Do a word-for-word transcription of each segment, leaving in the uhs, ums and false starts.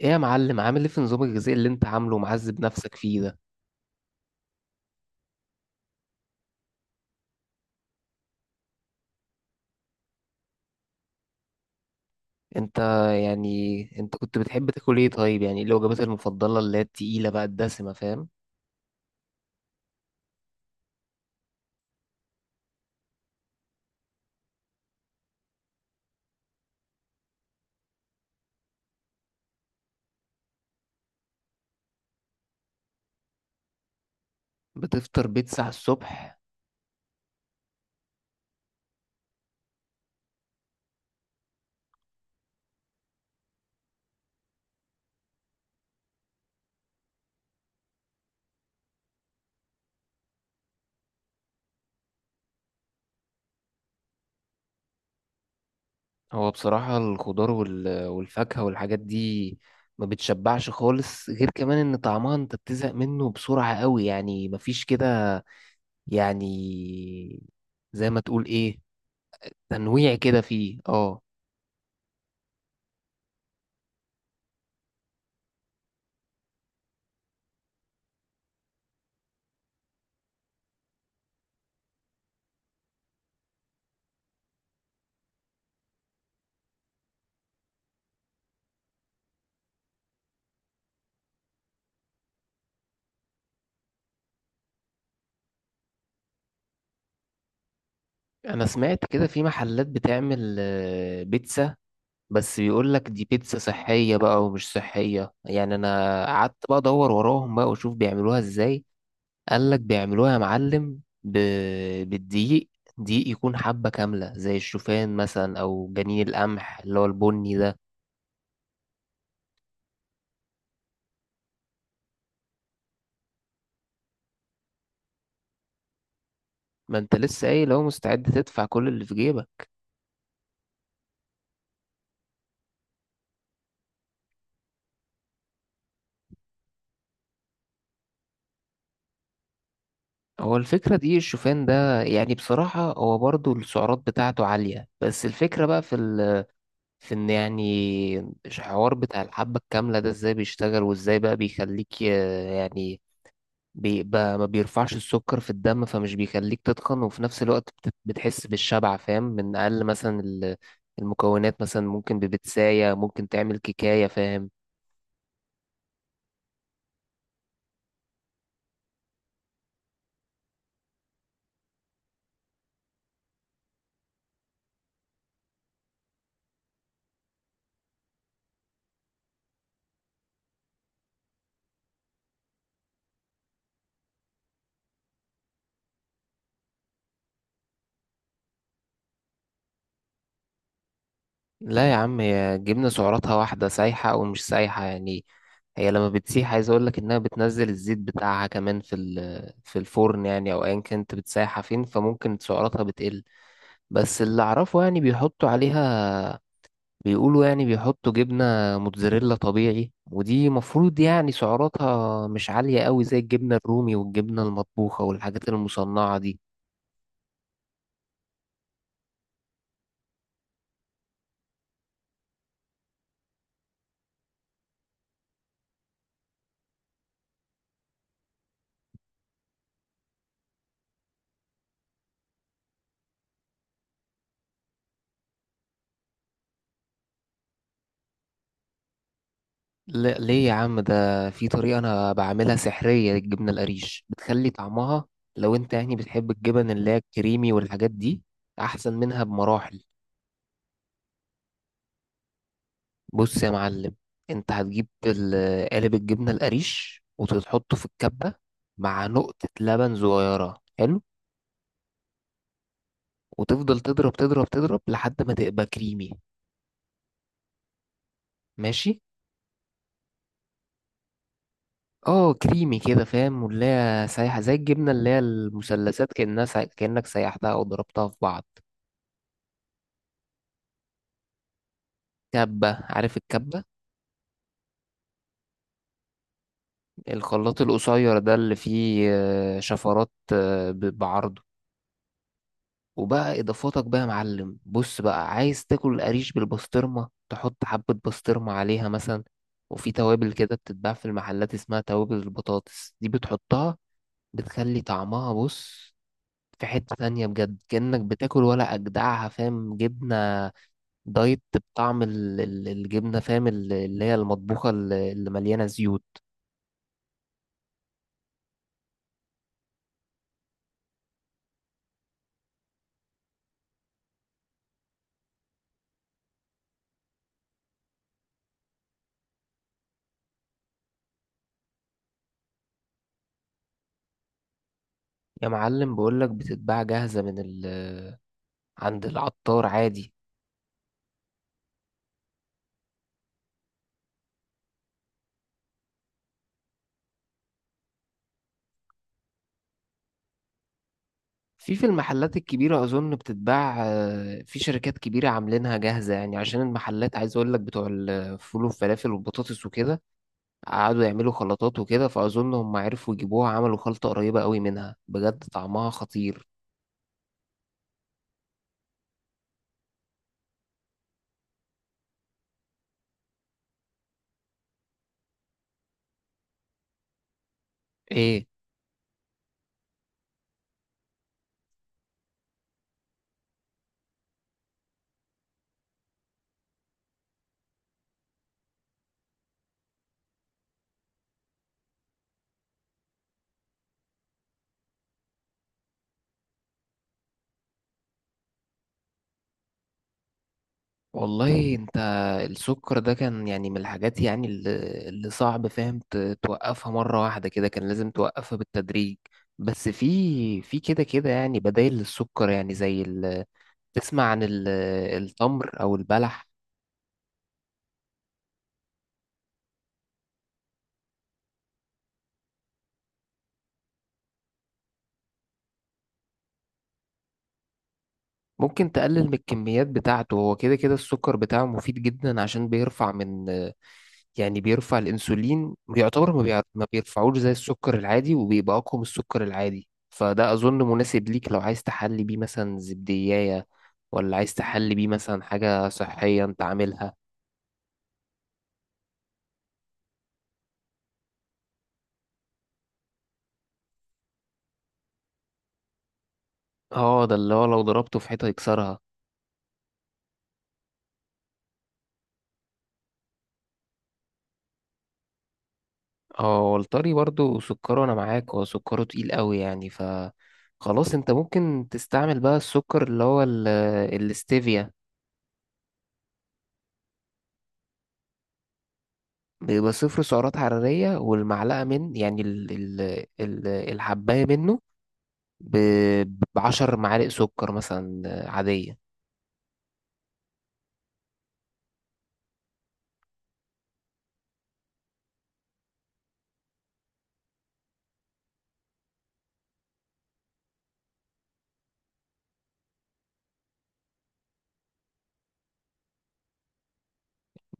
ايه يا معلم، عامل ايه في نظام الغذائي اللي انت عامله ومعذب نفسك فيه ده؟ انت يعني انت كنت بتحب تاكل ايه؟ طيب، يعني ايه الوجبات المفضلة اللي هي التقيلة بقى الدسمة، فاهم؟ بتفطر بيتزا على الصبح؟ هو بصراحة الخضار وال... والفاكهة والحاجات دي ما بتشبعش خالص، غير كمان ان طعمها انت بتزهق منه بسرعة قوي. يعني مفيش كده يعني، زي ما تقول ايه، تنويع كده فيه، اه. انا سمعت كده في محلات بتعمل آه، بيتزا، بس بيقول لك دي بيتزا صحية بقى ومش صحية. يعني انا قعدت بقى ادور وراهم بقى واشوف بيعملوها ازاي. قال لك بيعملوها يا معلم ب... بالدقيق. دقيق يكون حبة كاملة، زي الشوفان مثلا او جنين القمح اللي هو البني ده. ما انت لسه قايل لو مستعد تدفع كل اللي في جيبك. هو الفكرة دقيق الشوفان ده، يعني بصراحة هو برضو السعرات بتاعته عالية، بس الفكرة بقى في في ان يعني الحوار بتاع الحبة الكاملة ده ازاي بيشتغل وازاي بقى بيخليك ي- يعني بيبقى ما بيرفعش السكر في الدم، فمش بيخليك تتخن، وفي نفس الوقت بت- بتحس بالشبع، فاهم، من اقل مثلا ال- المكونات. مثلا ممكن ببتساية ممكن تعمل كيكاية، فاهم. لا يا عم، هي جبنة سعراتها واحدة سايحة او مش سايحة يعني. هي لما بتسيح، عايز اقول لك انها بتنزل الزيت بتاعها كمان في ال- في الفرن يعني، او ايا كانت بتسيحها فين، فممكن سعراتها بتقل. بس اللي اعرفه يعني بيحطوا عليها، بيقولوا يعني بيحطوا جبنة موتزاريلا طبيعي، ودي مفروض يعني سعراتها مش عالية قوي زي الجبنة الرومي والجبنة المطبوخة والحاجات المصنعة دي. لا ليه يا عم؟ ده في طريقة انا بعملها سحرية للجبنة القريش، بتخلي طعمها، لو انت يعني بتحب الجبن اللي هي الكريمي والحاجات دي، احسن منها بمراحل. بص يا معلم، انت هتجيب ال- قالب الجبنة القريش وتحطه في الكبة، مع نقطة لبن صغيرة، حلو. وتفضل تضرب تضرب تضرب لحد ما تبقى كريمي، ماشي. اه كريمي كده، فاهم، واللي هي سايحة زي الجبنة اللي هي المثلثات، كأنها سا... كأنك سيحتها أو ضربتها في بعض. كبة، عارف الكبة؟ الخلاط القصير ده اللي فيه آه، شفرات، آه، ب- بعرضه. وبقى اضافاتك بقى يا معلم، بص بقى، عايز تاكل القريش بالبسطرمه، تحط حبه بسطرمه عليها مثلا. وفي توابل كده بتتباع في المحلات اسمها توابل البطاطس دي، بتحطها، بتخلي طعمها، بص، في حتة تانية بجد، كأنك بتاكل ولا أجدعها، فاهم. جبنة دايت بطعم ال- ال- الجبنة، فاهم، ال- اللي هي المطبوخة، ال- اللي مليانة زيوت. يا معلم بقولك بتتباع جاهزة من ال... عند العطار عادي. في في المحلات الكبيرة أظن بتتباع، آه، في شركات كبيرة عاملينها جاهزة يعني، عشان المحلات عايز أقول لك بتوع الفول والفلافل والبطاطس وكده قعدوا يعملوا خلطات وكده، فأظن هم عرفوا يجيبوها، عملوا خلطة قريبة قوي منها، بجد طعمها خطير. إيه؟ والله انت السكر ده كان يعني من الحاجات يعني اللي اللي صعب فاهم ت- توقفها مرة واحدة كده، كان لازم توقفها بالتدريج. بس في في كده كده يعني بدايل للسكر، يعني زي ال- تسمع عن ال- التمر او البلح؟ ممكن تقلل من الكميات بتاعته، هو كده كده السكر بتاعه مفيد جدا، عشان بيرفع من، يعني بيرفع الانسولين، بيعتبر ما, بيع... ما بيرفعوش زي السكر العادي، وبيبقى اقوى من السكر العادي، فده اظن مناسب ليك لو عايز تحلي بيه مثلا زبدية، ولا عايز تحلي بيه مثلا حاجة صحية انت عاملها. اه ده اللي هو لو ضربته في حيطة يكسرها. اه، والطري برضو سكره، انا معاك، هو سكره تقيل قوي يعني. ف خلاص انت ممكن تستعمل بقى السكر اللي هو ال- الاستيفيا. بيبقى صفر سعرات حرارية، والمعلقة من يعني ال ال ال الحباية منه ب- بعشر معالق سكر مثلا، عادية.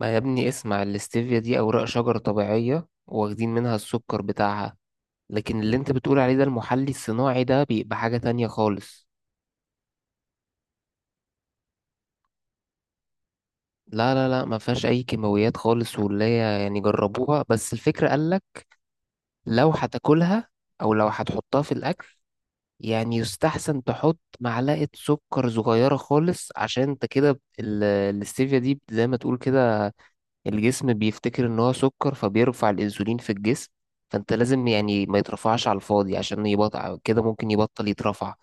ما يا ابني اسمع، الاستيفيا دي أوراق شجر طبيعية، واخدين منها السكر بتاعها، لكن اللي انت بتقول عليه ده المحلي الصناعي، ده بيبقى حاجة تانية خالص. لا لا لا ما فيهاش أي كيماويات خالص، واللي هي يعني جربوها، بس الفكرة قالك لو هتاكلها أو لو هتحطها في الأكل، يعني يستحسن تحط معلقة سكر صغيرة خالص، عشان انت كده ال- الاستيفيا دي زي ما تقول كده الجسم بيفتكر ان هو سكر، فبيرفع الانسولين في الجسم. فانت لازم يعني ما يترفعش على الفاضي، عشان يبطل كده ممكن يبطل يترفع.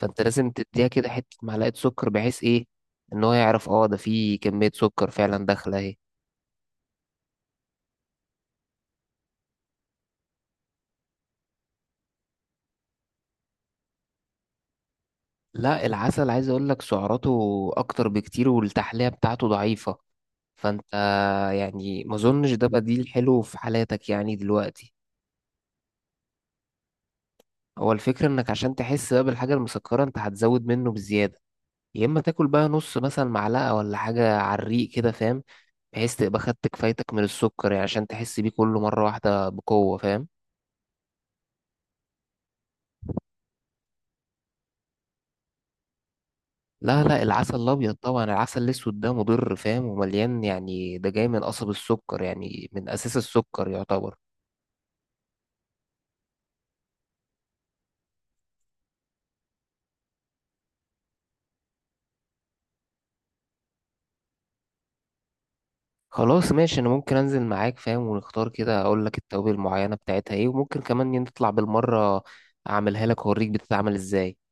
فانت لازم تديها كده حتة معلقة سكر، بحيث ايه، ان هو يعرف اه ده فيه كمية سكر فعلا داخلة اهي. لا، العسل عايز اقول لك سعراته اكتر بكتير، والتحلية بتاعته ضعيفة، فانت يعني ما اظنش ده بقى، دي الحلو في حالاتك يعني دلوقتي. هو الفكرة انك عشان تحس بقى بالحاجة المسكرة، انت هتزود منه بزيادة، يا اما تاكل بقى نص مثلا معلقه ولا حاجه على الريق كده، فاهم، بحيث تبقى خدت كفايتك من السكر يعني، عشان تحس بيه كله مره واحده بقوه، فاهم. لا لا العسل الابيض طبعا، العسل الاسود ده مضر فاهم، ومليان يعني، ده جاي من قصب السكر، يعني من اساس السكر يعتبر. خلاص ماشي، انا ممكن انزل معاك فاهم، ونختار كده، اقول لك التوابل المعينه بتاعتها ايه، وممكن كمان نطلع بالمره اعملها لك اوريك بتتعمل ازاي.